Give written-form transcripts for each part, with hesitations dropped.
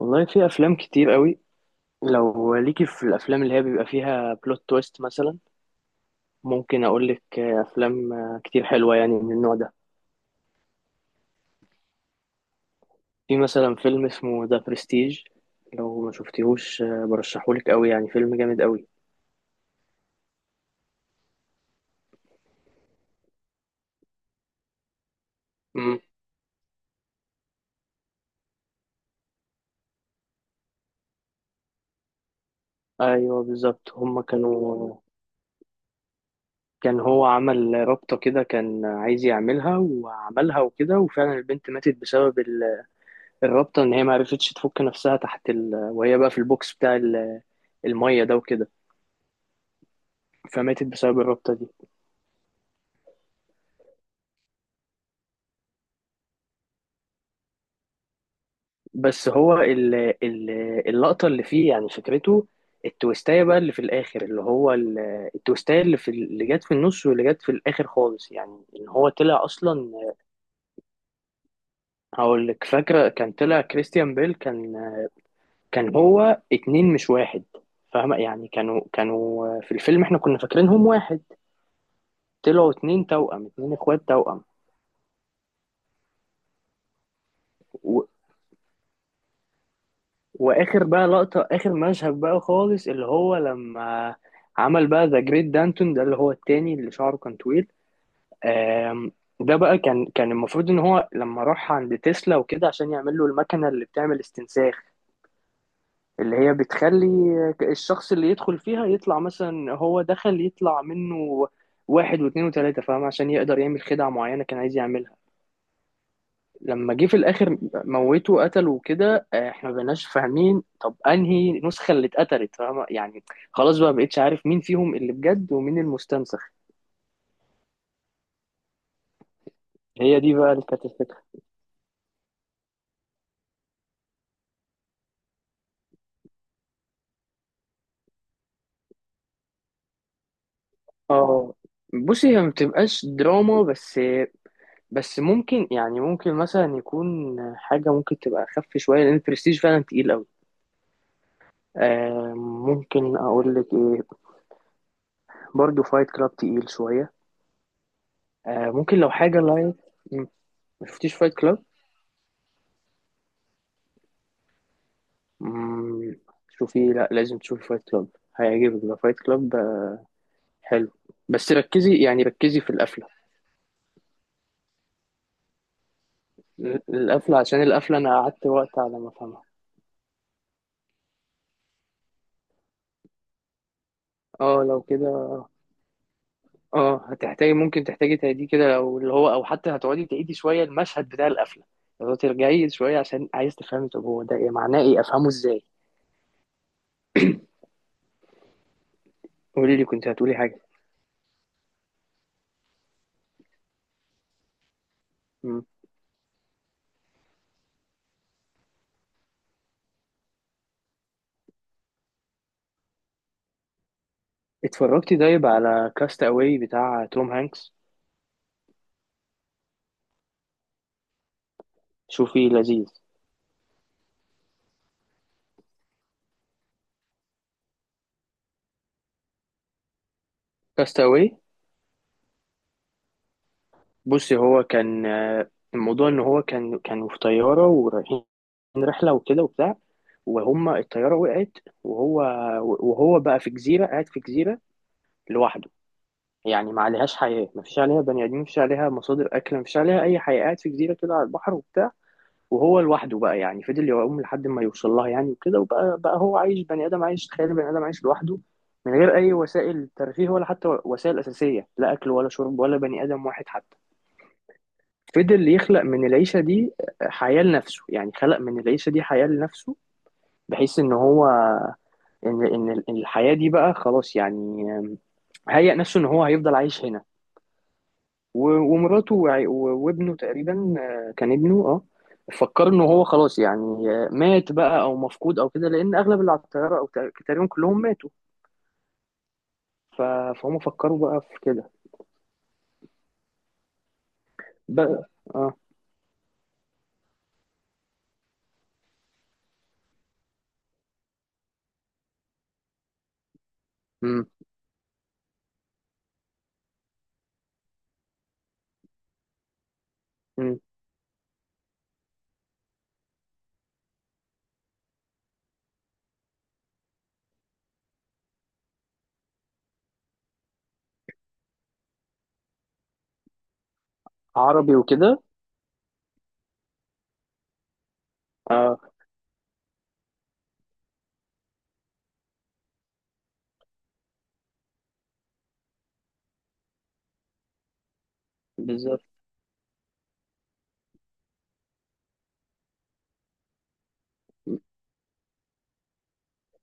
والله في افلام كتير قوي. لو ليكي في الافلام اللي هي بيبقى فيها بلوت تويست مثلا، ممكن اقول لك افلام كتير حلوه يعني من النوع ده. في مثلا فيلم اسمه ذا برستيج. لو ما شفتيهوش برشحهولك قوي، يعني فيلم جامد قوي. امم ايوه بالظبط، هما كانوا. كان هو عمل رابطه كده، كان عايز يعملها وعملها وكده، وفعلا البنت ماتت بسبب الرابطه ان هي ما عرفتش تفك نفسها تحت وهي بقى في البوكس بتاع الميه ده وكده. فماتت بسبب الرابطة دي. بس هو ال ال اللقطة اللي فيه يعني فكرته، التويستاية بقى اللي في الآخر، اللي هو التويستاية اللي في اللي جت في النص واللي جت في الآخر خالص، يعني إن هو طلع أصلا. هقول لك فاكرة، كان طلع كريستيان بيل، كان هو اتنين مش واحد، فاهمة يعني، كانوا في الفيلم احنا كنا فاكرينهم واحد. طلعوا اتنين توأم، اتنين اخوات توأم. واخر بقى لقطة، اخر مشهد بقى خالص، اللي هو لما عمل بقى ذا جريت دانتون، ده اللي هو التاني اللي شعره كان طويل. آم، ده بقى كان المفروض ان هو لما راح عند تسلا وكده عشان يعمل له المكنة اللي بتعمل استنساخ، اللي هي بتخلي الشخص اللي يدخل فيها يطلع، مثلا هو دخل يطلع منه واحد واثنين وثلاثة، فاهم، عشان يقدر يعمل خدعة معينة كان عايز يعملها. لما جه في الاخر، موته قتله وكده. احنا ما بقيناش فاهمين طب انهي نسخه اللي اتقتلت، فاهمة؟ يعني خلاص بقى ما بقتش عارف مين فيهم اللي بجد ومين المستنسخ. هي دي بقى اللي كانت الفكرة. اه، بصي هي ما بتبقاش دراما بس. بس ممكن يعني ممكن مثلا يكون حاجة ممكن تبقى أخف شوية، لأن البرستيج فعلا تقيل أوي. آه ممكن أقول لك إيه، برضه فايت كلاب تقيل شوية. آه ممكن لو حاجة لايت. مم، مشفتيش فايت كلاب؟ مم، شوفي، لا لازم تشوفي فايت كلاب. هيعجبك ده فايت كلاب، حلو. بس ركزي، يعني ركزي في القفلة. القفلة عشان القفلة أنا قعدت وقت على ما أفهمها. اه لو كده، اه هتحتاجي، ممكن تحتاجي تعيدي كده لو اللي هو، أو حتى هتقعدي تعيدي شوية المشهد بتاع القفلة، لو ترجعي شوية عشان عايز تفهمي طب هو ده إيه، معناه إيه، أفهمه إزاي. قولي لي، كنت هتقولي حاجة. مم. اتفرجتي طيب على كاست أواي بتاع توم هانكس؟ شوفي لذيذ. كاست أواي، بصي هو كان الموضوع ان هو كانوا في طياره ورايحين رحله وكده وبتاع. وهم الطياره وقعت، وهو وهو بقى في جزيره، قاعد في جزيره لوحده. يعني ما عليهاش حياه، ما فيش عليها بني ادمين، ما فيش عليها مصادر اكل، ما فيش عليها اي حياه، قاعد في جزيره كده على البحر وبتاع. وهو لوحده بقى، يعني فضل يعوم لحد ما يوصل لها يعني وكده، وبقى هو عايش، بني ادم عايش، تخيل بني ادم عايش لوحده من غير اي وسائل ترفيه ولا حتى وسائل اساسيه، لا اكل ولا شرب ولا بني ادم واحد حتى. فضل يخلق من العيشة دي حياة لنفسه، يعني خلق من العيشة دي حياة لنفسه، بحيث ان هو ان الحياة دي بقى خلاص، يعني هيأ نفسه ان هو هيفضل عايش هنا ومراته وابنه تقريبا. كان ابنه. اه فكر ان هو خلاص يعني مات بقى او مفقود او كده، لان اغلب اللي على الطيارة او تقريبا كلهم ماتوا. ف- فهم فكروا بقى في كده بقى. اه امم عربي وكده. اه بالظبط.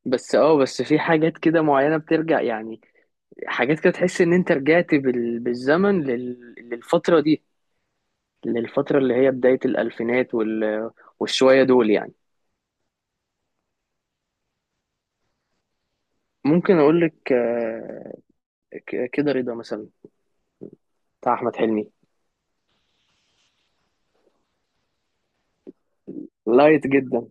بس في حاجات كده معينة بترجع يعني، حاجات كده تحس ان انت رجعت بالزمن للفترة دي، للفترة اللي هي بداية الألفينات والشوية دول يعني. ممكن اقول لك كده رضا مثلا، بتاع أحمد حلمي، لايت جدا،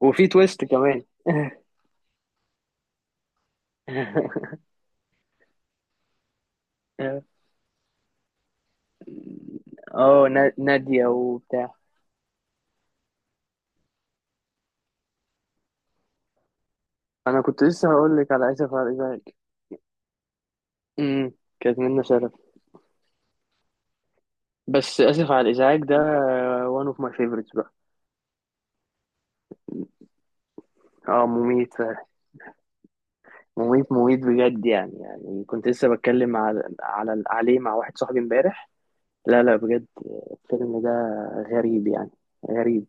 وفي تويست كمان. اه نادية وبتاع. انا كنت لسه هقول لك على اسف على الازعاج. امم كانت منة شلبي. بس اسف على الازعاج ده one of my favorites بقى. اه مميت فعلا، مميت مميت بجد. يعني كنت لسه بتكلم على عليه مع واحد صاحبي امبارح. لا لا بجد، الفيلم ده غريب يعني، غريب.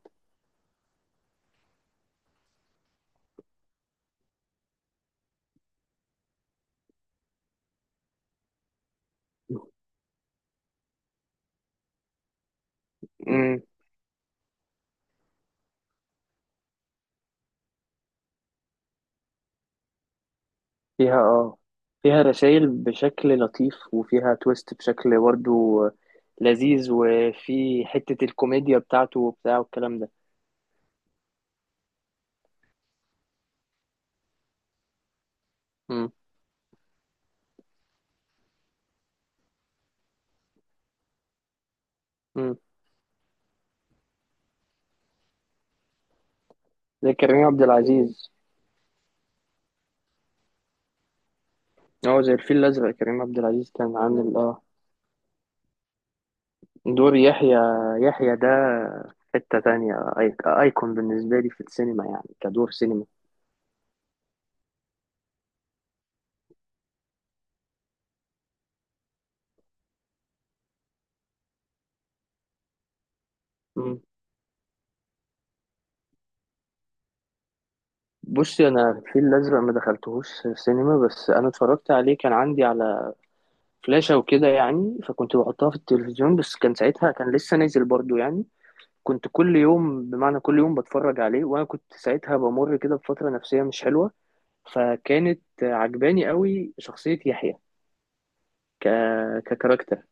امم فيها فيها رسائل بشكل لطيف، وفيها تويست بشكل برضه لذيذ، وفي حتة الكوميديا بتاعته وبتاع والكلام ده. امم امم زي كريم عبد العزيز. هو زي الفيل الأزرق، كريم عبد العزيز كان عامل دور يحيى. يحيى ده في حتة تانية أيكون بالنسبة لي في السينما، يعني كدور سينما. مم. بصي أنا الفيل الأزرق ما دخلتهوش سينما، بس أنا اتفرجت عليه، كان عندي على فلاشة وكده يعني، فكنت بحطها في التلفزيون، بس كان ساعتها كان لسه نازل برضو يعني. كنت كل يوم، بمعنى كل يوم بتفرج عليه، وأنا كنت ساعتها بمر كده بفترة نفسية مش حلوة، فكانت عجباني قوي شخصية يحيى ك... ككاركتر.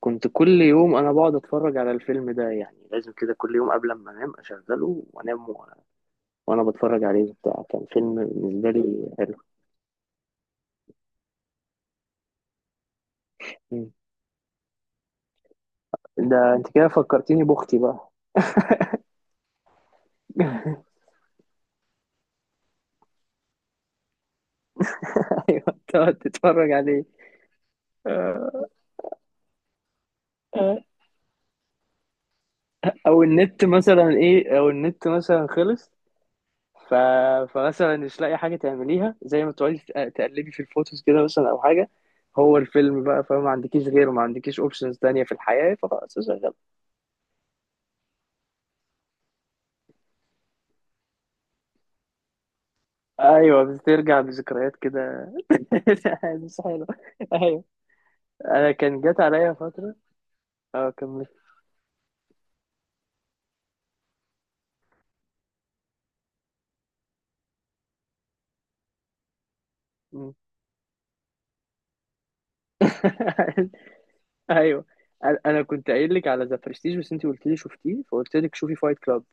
كنت كل يوم انا بقعد اتفرج على الفيلم ده، يعني لازم كده كل يوم قبل ما انام اشغله وانام وانا بتفرج عليه وبتاع، كان فيلم بالنسبه لي حلو. مم. ده انت كده فكرتيني باختي بقى. ايوه تقعد تتفرج عليه. آه، آه. او النت مثلا ايه، او النت مثلا خلص. ف... فمثلا مش لاقي حاجه تعمليها زي ما تقعدي تقلبي في الفوتوز كده مثلا او حاجه، هو الفيلم بقى، فما عندكيش غيره، ما عندكيش اوبشنز تانية في الحياه، فخلاص. ايوه بترجع بذكريات كده. مش حلو. ايوه. انا كان جات عليا فتره. اه كملت. مم. ايوه. انا كنت قايل لك على ذا برستيج، بس انت قلت لي شفتيه، فقلت لك شوفي فايت كلاب.